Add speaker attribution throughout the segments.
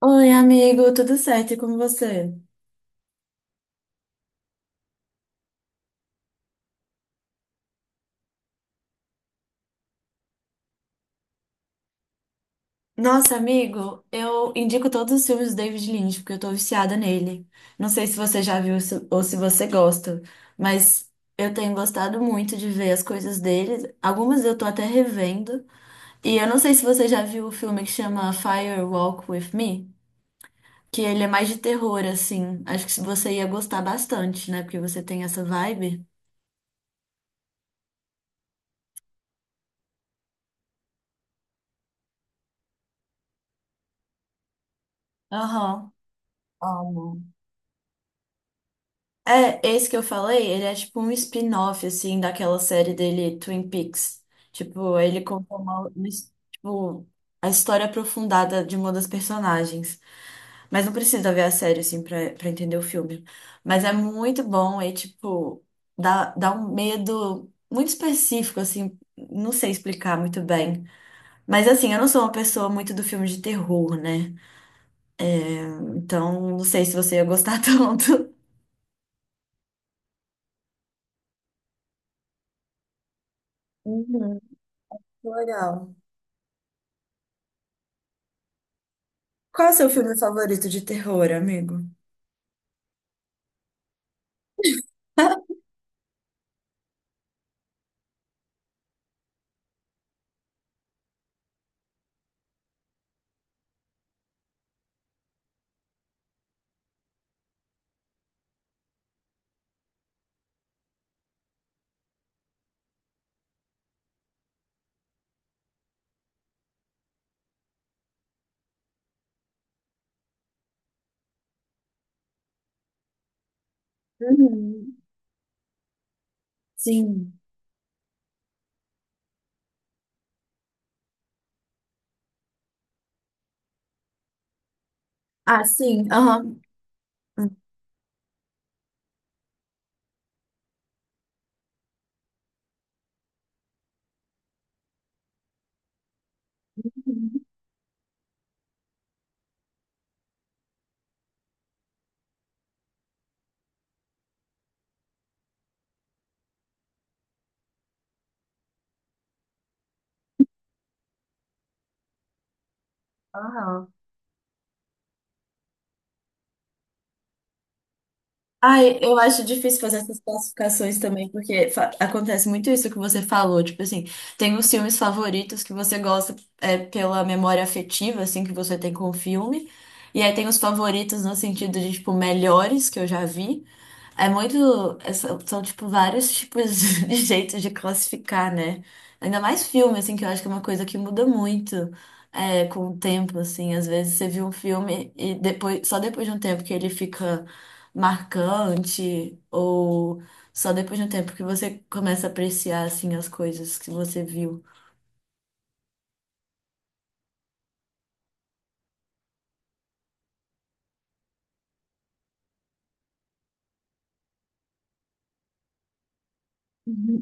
Speaker 1: Oi, amigo, tudo certo? E com você? Nossa, amigo, eu indico todos os filmes do David Lynch, porque eu tô viciada nele. Não sei se você já viu ou se você gosta, mas eu tenho gostado muito de ver as coisas dele. Algumas eu tô até revendo. E eu não sei se você já viu o filme que chama Fire Walk With Me, que ele é mais de terror, assim. Acho que você ia gostar bastante, né? Porque você tem essa vibe. Aham. Amo. É, esse que eu falei, ele é tipo um spin-off, assim, daquela série dele, Twin Peaks. Tipo, ele conta uma tipo, a história aprofundada de uma das personagens. Mas não precisa ver a série, assim, pra entender o filme. Mas é muito bom e, tipo, dá um medo muito específico, assim, não sei explicar muito bem. Mas, assim, eu não sou uma pessoa muito do filme de terror, né? Então, não sei se você ia gostar tanto. Uhum, que legal. Qual é o seu filme favorito de terror, amigo? Uhum. Sim. Ah, sim. Aham. Uhum. Aham. Ai, eu acho difícil fazer essas classificações também, porque acontece muito isso que você falou. Tipo assim, tem os filmes favoritos que você gosta pela memória afetiva, assim, que você tem com o filme. E aí tem os favoritos no sentido de, tipo, melhores que eu já vi. São, tipo, vários tipos de jeitos de classificar, né? Ainda mais filme, assim, que eu acho que é uma coisa que muda muito com o tempo, assim. Às vezes você viu um filme e depois, só depois de um tempo que ele fica marcante, ou só depois de um tempo que você começa a apreciar, assim, as coisas que você viu. Uhum.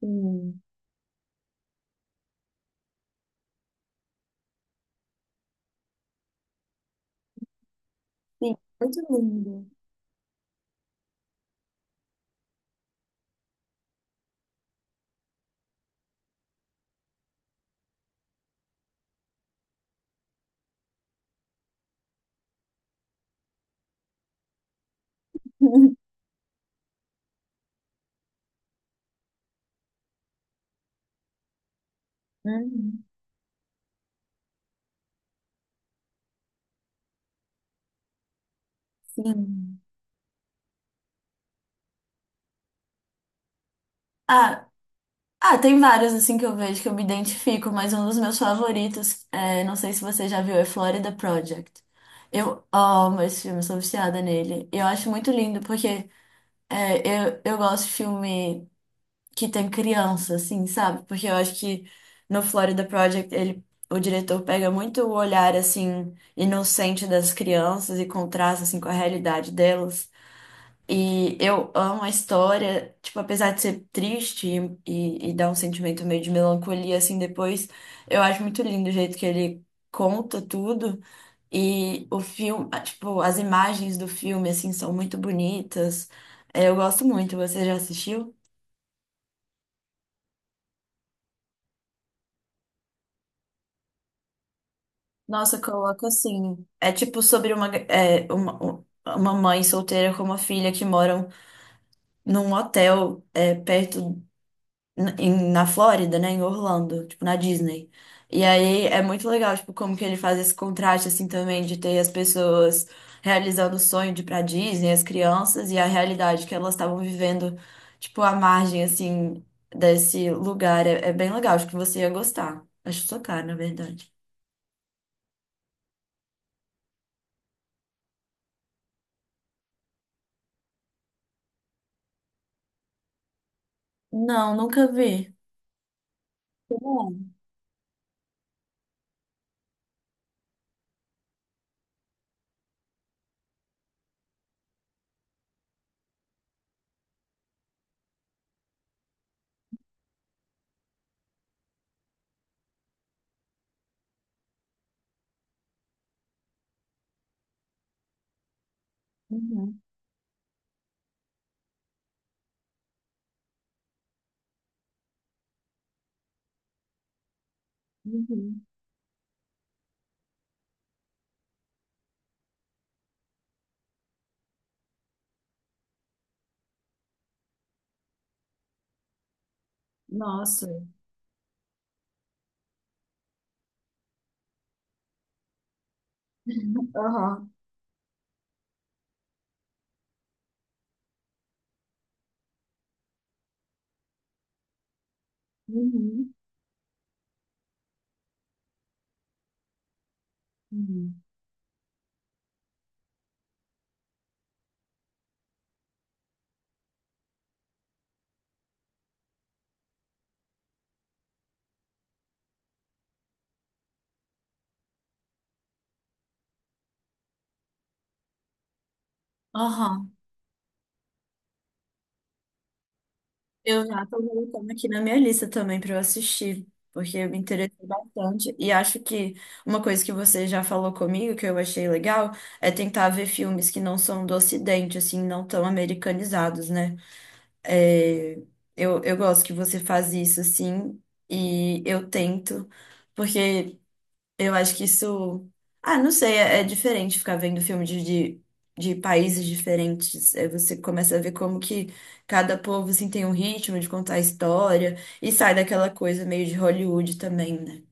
Speaker 1: Sim, sim, muito lindo. Uhum. Sim. Ah, Ah, tem vários assim que eu vejo que eu me identifico, mas um dos meus favoritos, não sei se você já viu, é Florida Project. Eu amo esse filme, sou viciada nele. Eu acho muito lindo porque é, eu gosto de filme que tem criança, assim, sabe? Porque eu acho que no Florida Project o diretor pega muito o olhar assim inocente das crianças e contrasta assim com a realidade delas. E eu amo a história, tipo, apesar de ser triste e dar um sentimento meio de melancolia, assim, depois, eu acho muito lindo o jeito que ele conta tudo. E o filme, ah, tipo, as imagens do filme, assim, são muito bonitas. Eu gosto muito. Você já assistiu? Nossa, coloca assim. É tipo sobre uma mãe solteira com uma filha que moram num hotel, perto. Na Flórida, né, em Orlando, tipo, na Disney. E aí é muito legal, tipo, como que ele faz esse contraste, assim, também, de ter as pessoas realizando o sonho de ir pra Disney, as crianças, e a realidade que elas estavam vivendo, tipo, à margem, assim, desse lugar. É bem legal, acho que você ia gostar. Acho sua cara, na verdade. Não, nunca vi. Como é? Uhum, uhum. Nossa. Aham. Uhum. Uhum. Aham. Eu já tô colocando aqui na minha lista também para eu assistir, porque eu me interessei bastante. E acho que uma coisa que você já falou comigo, que eu achei legal, é tentar ver filmes que não são do Ocidente, assim, não tão americanizados, né? É, eu gosto que você faz isso, assim, e eu tento, porque. Eu acho que isso. Ah, não sei, é diferente ficar vendo filme de países diferentes. Aí você começa a ver como que cada povo assim, tem um ritmo de contar a história e sai daquela coisa meio de Hollywood também, né?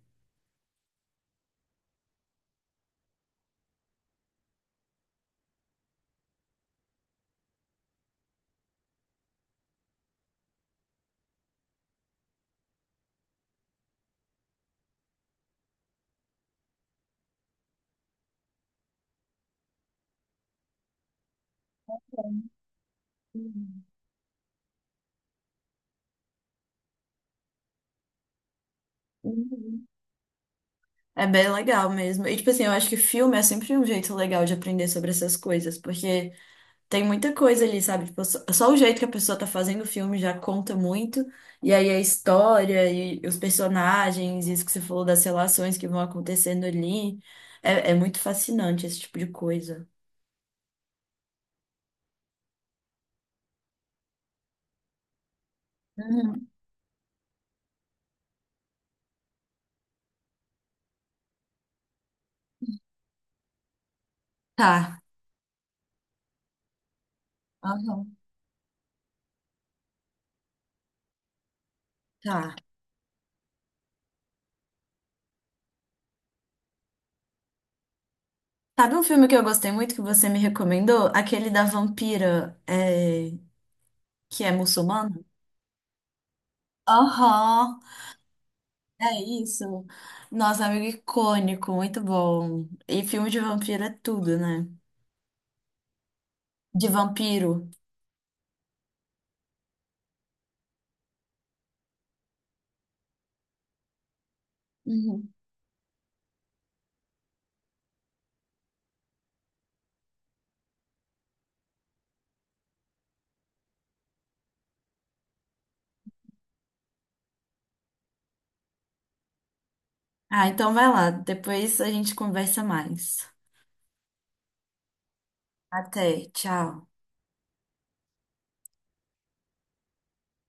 Speaker 1: Uhum. Uhum. É bem legal mesmo. E, tipo assim, eu acho que filme é sempre um jeito legal de aprender sobre essas coisas, porque. Tem muita coisa ali, sabe? Tipo, só o jeito que a pessoa tá fazendo o filme já conta muito. E aí a história e os personagens, isso que você falou das relações que vão acontecendo ali. É muito fascinante esse tipo de coisa. Uhum. Tá. Aham. Tá. Sabe um filme que eu gostei muito que você me recomendou? Aquele da vampira, que é muçulmana? Aham. É isso. Nossa, amigo icônico, muito bom. E filme de vampiro é tudo, né? De vampiro. Uhum. Ah, então vai lá. Depois a gente conversa mais. Até, tchau.